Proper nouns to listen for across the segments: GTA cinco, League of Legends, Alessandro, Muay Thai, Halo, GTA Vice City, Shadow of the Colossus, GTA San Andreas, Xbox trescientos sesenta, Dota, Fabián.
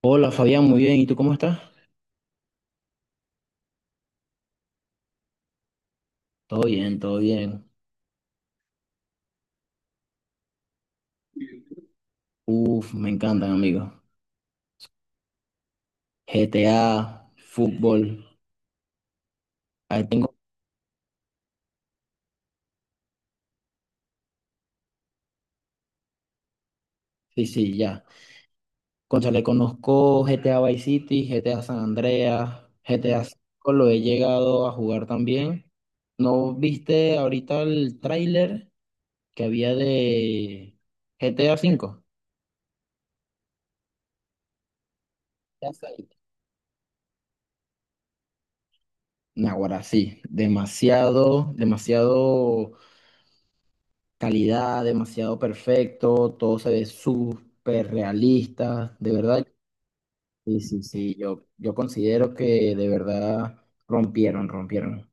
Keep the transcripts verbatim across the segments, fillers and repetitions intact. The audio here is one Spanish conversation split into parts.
Hola Fabián, muy bien. ¿Y tú cómo estás? Todo bien, todo bien. Uf, me encantan, amigos. G T A, fútbol. Ahí tengo. Sí, sí, ya. Cónchale, conozco G T A Vice City, G T A San Andreas, G T A cinco lo he llegado a jugar también. ¿No viste ahorita el tráiler que había de G T A cinco? Ya sé. Naguará, sí. Demasiado, demasiado calidad, demasiado perfecto, todo se ve súper realista, de verdad. Sí, sí, sí, yo, yo considero que de verdad rompieron, rompieron.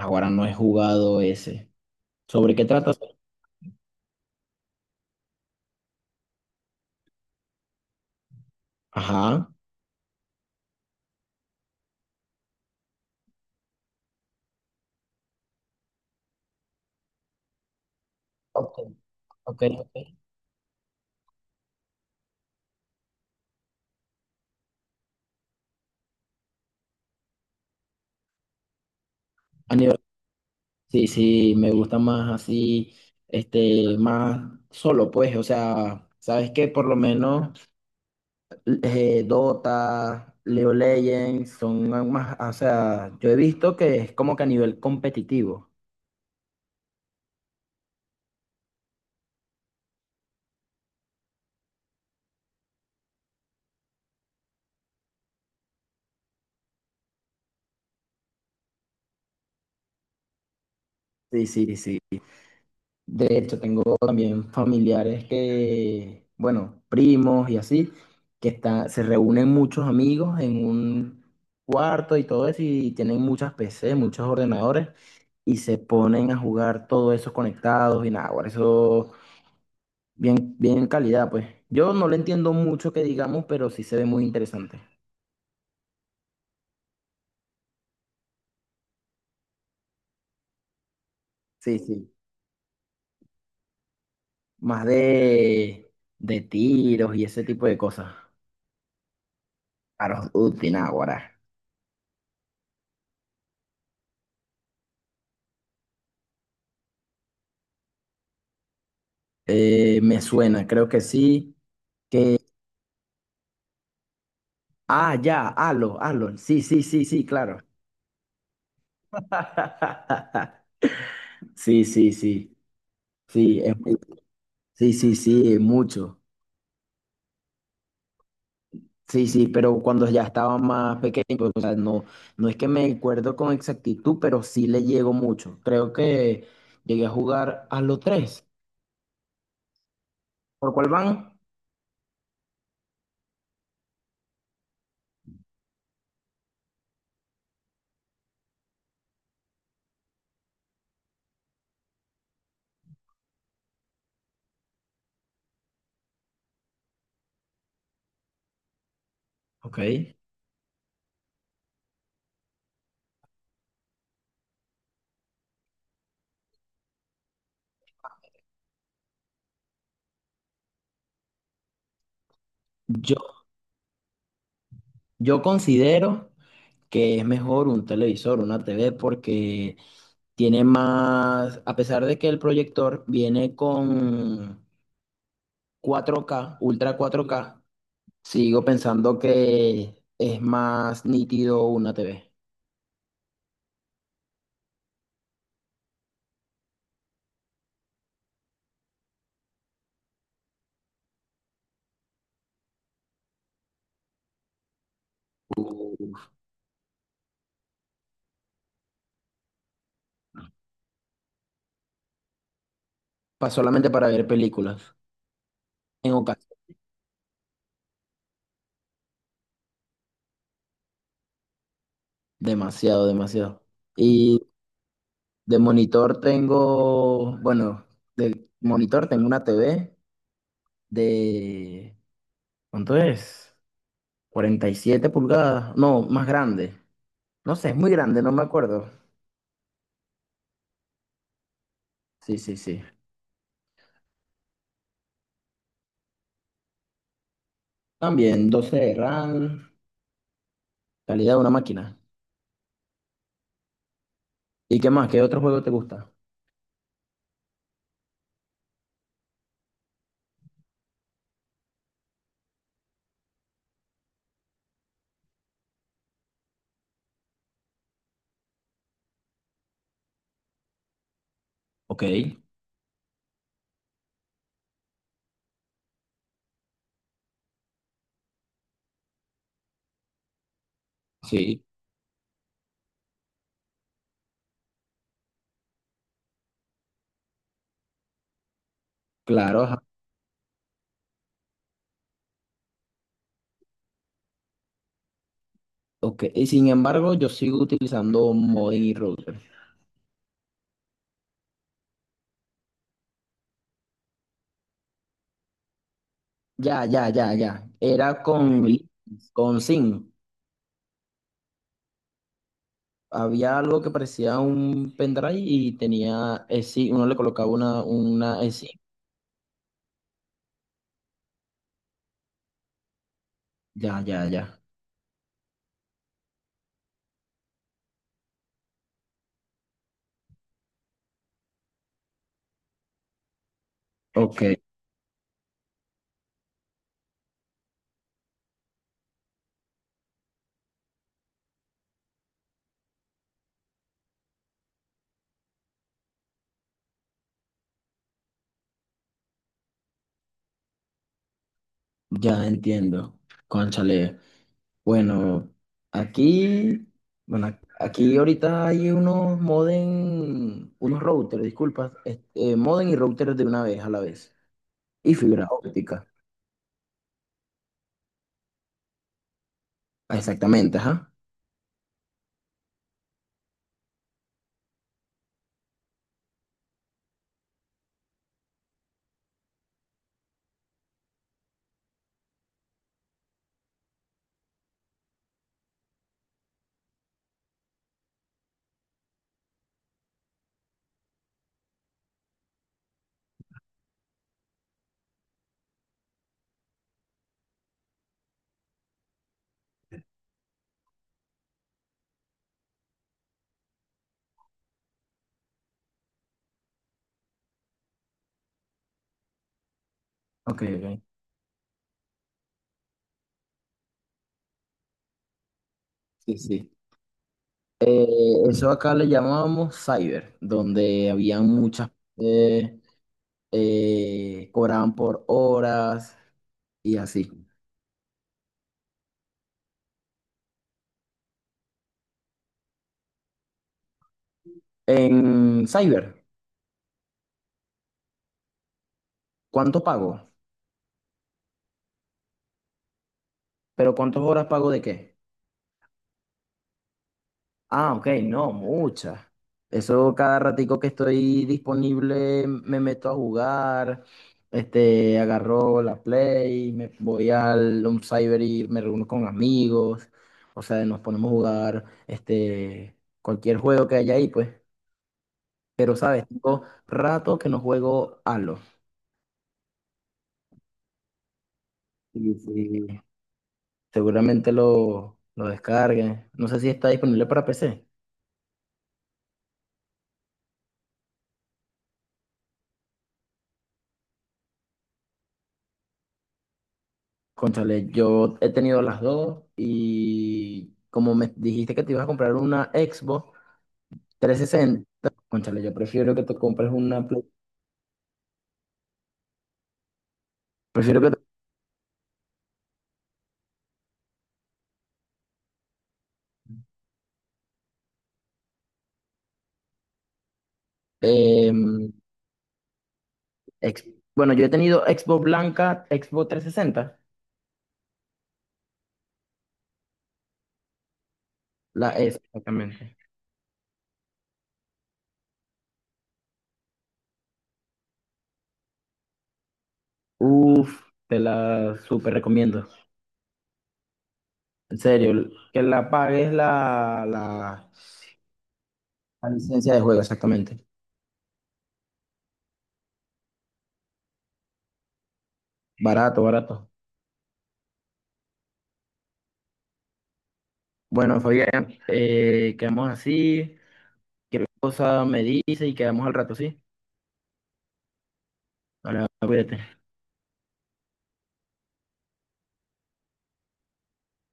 Ahora no he jugado ese. ¿Sobre qué trata? Ajá. Ok, ok, ok. A nivel- sí, sí, me gusta más así, este, más solo, pues, o sea, ¿sabes que por lo menos? eh, Dota, League of Legends, son más, o sea, yo he visto que es como que a nivel competitivo. Sí, sí, sí. De hecho, tengo también familiares que, bueno, primos y así, que están, se reúnen muchos amigos en un cuarto y todo eso, y tienen muchas P C, muchos ordenadores, y se ponen a jugar todos esos conectados y nada, bueno, eso bien, bien calidad, pues. Yo no le entiendo mucho que digamos, pero sí se ve muy interesante. Sí, sí. Más de, de tiros y ese tipo de cosas. Claro, Utináguara. Eh, me suena, creo que sí. Que. Ah, ya, Halo, Halo. Sí, sí, sí, sí, claro. Sí, sí, sí. Sí, es muy- sí, sí, sí, mucho. Sí, sí, pero cuando ya estaba más pequeño, pues, o sea, no, no es que me acuerdo con exactitud, pero sí le llego mucho. Creo que llegué a jugar a los tres. ¿Por cuál van? Ok. Yo considero que es mejor un televisor, una T V, porque tiene más, a pesar de que el proyector viene con cuatro k Ultra cuatro k, sigo pensando que es más nítido una T V. Pa- solamente para ver películas, en ocasión, demasiado, demasiado. Y de monitor tengo, bueno, de monitor tengo una T V de, ¿cuánto es? Cuarenta y siete pulgadas, no, más grande. No sé, es muy grande, no me acuerdo. Sí, sí, sí. También doce de RAM, calidad de una máquina. ¿Y qué más? ¿Qué otro juego te gusta? Ok, sí, claro, ajá. Ok, y sin embargo, yo sigo utilizando modem y router. Ya, ya, ya, ya. Era con, con SIM. Había algo que parecía un pendrive y tenía eh, sí. Uno le colocaba una, una eh, sí. Ya, ya, ya. Ok, ya entiendo. Cónchale. Bueno, aquí, bueno, ac- aquí ahorita hay unos modem, unos routers, disculpa, este, eh, modem y routers de una vez a la vez. Y fibra óptica. Ah, exactamente, ajá. Ok, ok. Sí, sí. Eh, Eso acá le llamábamos cyber, donde habían muchas, eh, eh, cobraban por horas y así. En cyber, ¿cuánto pago? ¿Pero cuántas horas pago de qué? Ah, ok, no, muchas. Eso cada ratico que estoy disponible me meto a jugar, este, agarro la Play, me voy al un cyber y me reúno con amigos, o sea, nos ponemos a jugar este, cualquier juego que haya ahí, pues. Pero, ¿sabes? Tengo rato que no juego Halo. Y, y seguramente lo, lo descargue. No sé si está disponible para P C. Cónchale, yo he tenido las dos y como me dijiste que te ibas a comprar una Xbox trescientos sesenta. Cónchale, yo prefiero que te compres una Play- Prefiero que te- em, ex- bueno, yo he tenido Xbox blanca, Xbox trescientos sesenta, la S exactamente. Uf, te la súper recomiendo. En serio, que la pagues la, la, la licencia de juego, exactamente. Barato, barato. Bueno, Fabián, eh, quedamos así. Cualquier cosa me dice y quedamos al rato, ¿sí? Ahora, cuídate.